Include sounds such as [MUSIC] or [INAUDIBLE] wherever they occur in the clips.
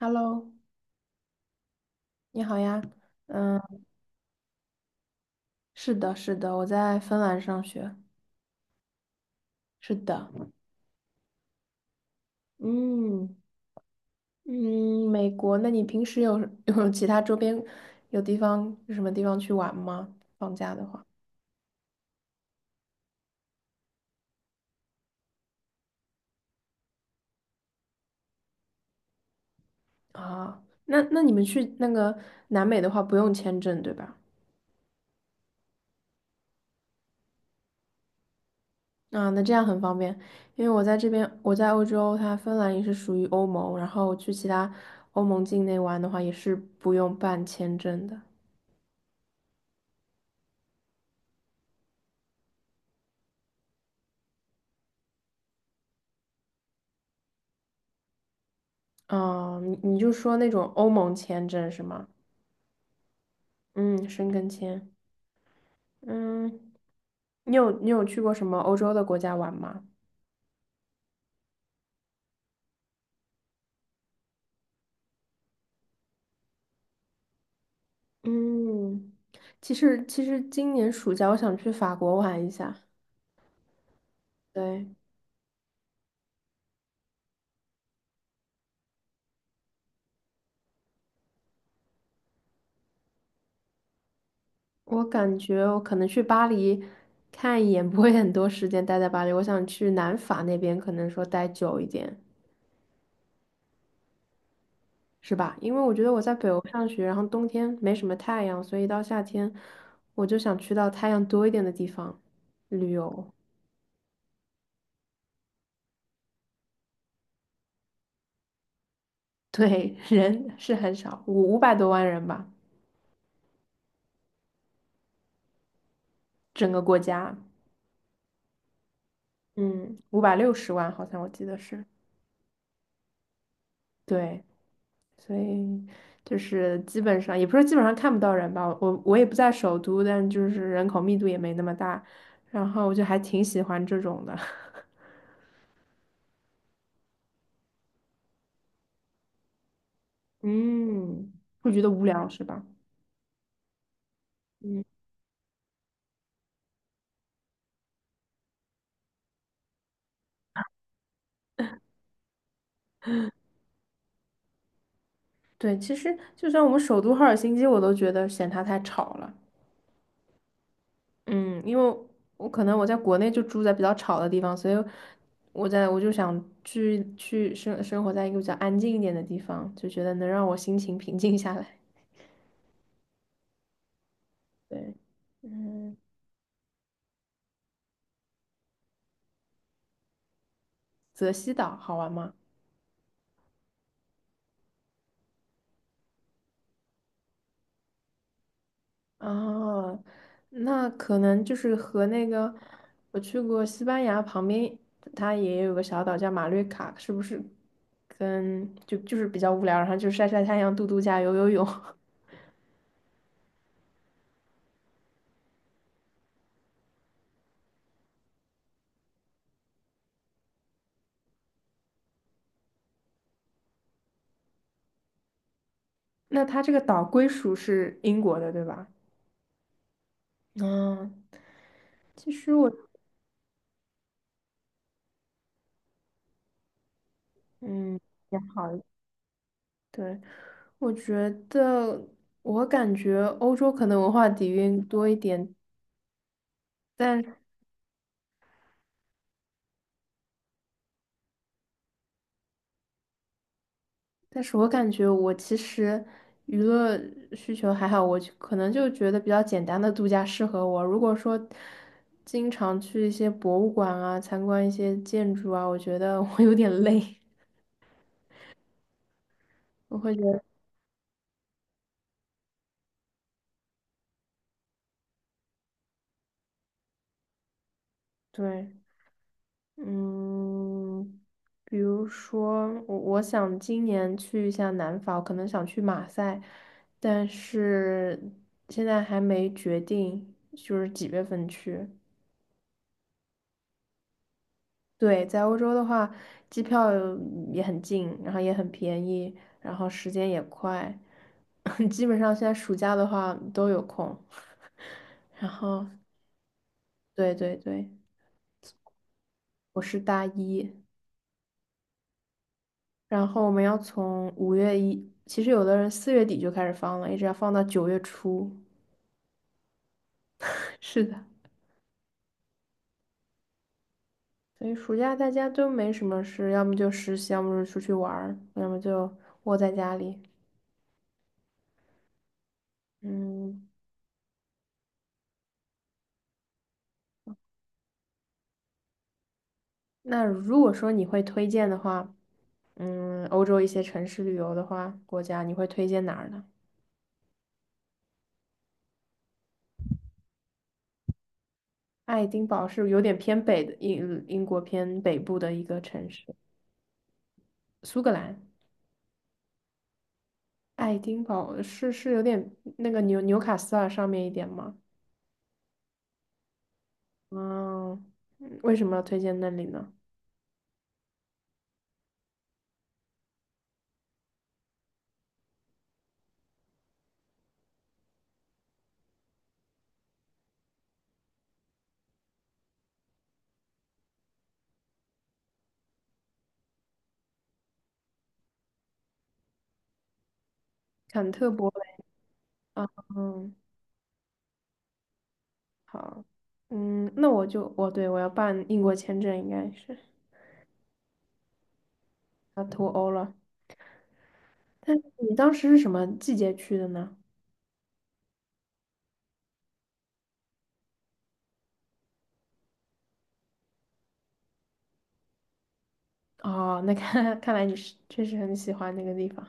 Hello，你好呀。嗯，是的，是的，我在芬兰上学。是的，嗯嗯，美国。那你平时有 [LAUGHS] 有其他周边有什么地方去玩吗？放假的话啊，那你们去那个南美的话不用签证对吧？啊，那这样很方便，因为我在这边，我在欧洲，它芬兰也是属于欧盟，然后去其他欧盟境内玩的话也是不用办签证的。哦，你就说那种欧盟签证是吗？嗯，申根签。嗯，你有去过什么欧洲的国家玩吗？嗯，其实今年暑假我想去法国玩一下。对，我感觉我可能去巴黎看一眼，不会很多时间待在巴黎。我想去南法那边，可能说待久一点，是吧？因为我觉得我在北欧上学，然后冬天没什么太阳，所以到夏天我就想去到太阳多一点的地方旅游。对，人是很少，五百多万人吧，整个国家，嗯，560万好像我记得是，对，所以就是基本上，也不是基本上看不到人吧，我也不在首都，但就是人口密度也没那么大，然后我就还挺喜欢这种的，[LAUGHS] 嗯会觉得无聊是吧？嗯，对，其实就算我们首都赫尔辛基，我都觉得嫌它太吵了。嗯，因为我可能我在国内就住在比较吵的地方，所以我就想去生活在一个比较安静一点的地方，就觉得能让我心情平静下来。对，嗯，泽西岛好玩吗？啊，那可能就是和那个我去过西班牙旁边，它也有个小岛叫马略卡，是不是跟就是比较无聊，然后就晒晒太阳、度度假、游游泳。[LAUGHS] 那它这个岛归属是英国的，对吧？嗯，其实我嗯也好一，对，我觉得我感觉欧洲可能文化底蕴多一点，但但是我感觉我其实娱乐需求还好，我就可能就觉得比较简单的度假适合我。如果说经常去一些博物馆啊，参观一些建筑啊，我觉得 [LAUGHS] 我有点累，我会觉得对。嗯，比如说，我想今年去一下南法，我可能想去马赛，但是现在还没决定，就是几月份去。对，在欧洲的话，机票也很近，然后也很便宜，然后时间也快，[LAUGHS] 基本上现在暑假的话都有空。[LAUGHS] 然后，对对对，我是大一。然后我们要从五月一，其实有的人4月底就开始放了，一直要放到9月初。[LAUGHS] 是的，所以暑假大家都没什么事，要么就实习，要么就出去玩儿，要么就窝在家里。嗯，那如果说你会推荐的话，嗯，欧洲一些城市旅游的话，国家你会推荐哪儿呢？爱丁堡是有点偏北的英国偏北部的一个城市，苏格兰。爱丁堡是是有点那个纽卡斯尔上面一点吗？嗯，嗯为什么要推荐那里呢？坎特伯雷啊，嗯，好，嗯，那我就，我对我要办英国签证，应该是要脱欧了。你当时是什么季节去的呢？哦，那看 [LAUGHS] 看来你是确实很喜欢那个地方。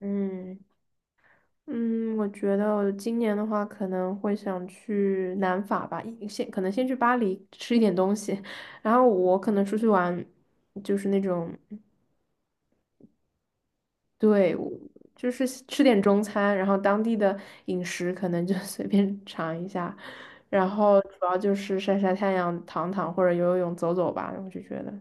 嗯嗯，我觉得我今年的话可能会想去南法吧，可能先去巴黎吃一点东西，[LAUGHS] 然后我可能出去玩，就是那种。对，我就是吃点中餐，然后当地的饮食可能就 [LAUGHS] 随便尝一下，然后主要就是晒晒太阳、躺躺或者游游泳、走走吧，我就觉得。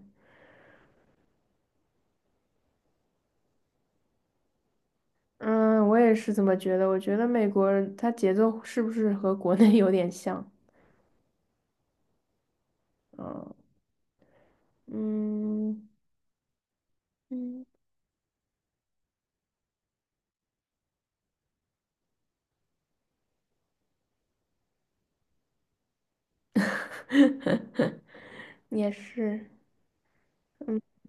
嗯，我也是这么觉得。我觉得美国人他节奏是不是和国内 [LAUGHS] 有点像？嗯嗯嗯，[LAUGHS] 也是，嗯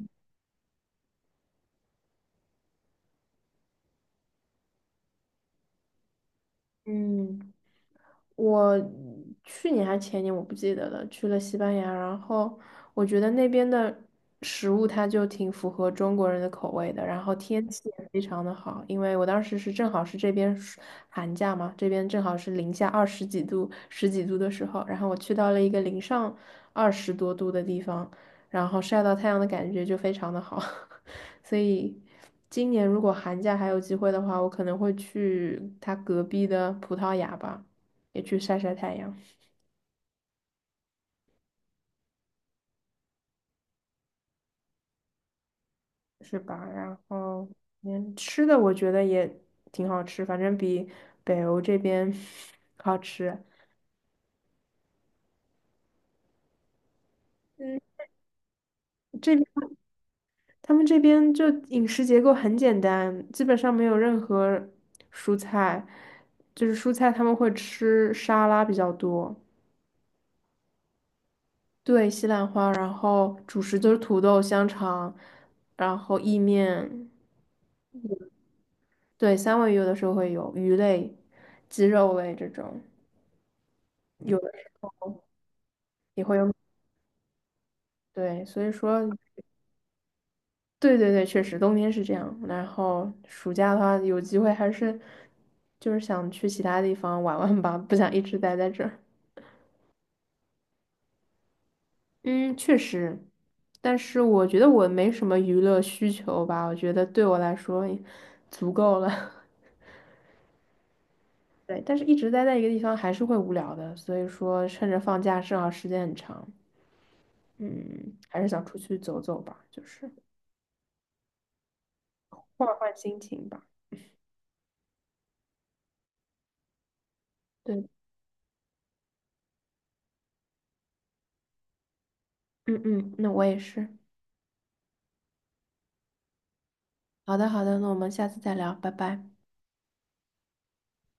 嗯。我去年还前年我不记得了，去了西班牙，然后我觉得那边的食物它就挺符合中国人的口味的，然后天气也非常的好，因为我当时是正好是这边寒假嘛，这边正好是零下二十几度、十几度的时候，然后我去到了一个零上二十多度的地方，然后晒到太阳的感觉就非常的好，[LAUGHS] 所以。今年如果寒假还有机会的话，我可能会去它隔壁的葡萄牙吧。也去晒晒太阳，是吧？然后，嗯，吃的我觉得也挺好吃，反正比北欧这边 [LAUGHS] 好吃。嗯，这边他们这边就饮食结构很简单，基本上没有任何蔬菜，就是蔬菜他们会吃沙拉比较多，对，西兰花，然后主食就是土豆、香肠，然后意面，对，三文鱼有的时候会有鱼类、鸡肉类这种，有的也会有。对，所以说，对对对，确实冬天是这样。然后暑假的话，有机会还是就是想去其他地方玩玩吧，不想一直待在这儿。嗯，确实，但是我觉得我没什么娱乐需求吧，我觉得对我来说也足够了。[LAUGHS] 对，但是一直待在一个地方还是会无聊的，所以说趁着放假正好时间很长，嗯，还是想出去走走吧，就是换换心情吧。对，嗯嗯，那我也是。好的，好的，那我们下次再聊，拜拜。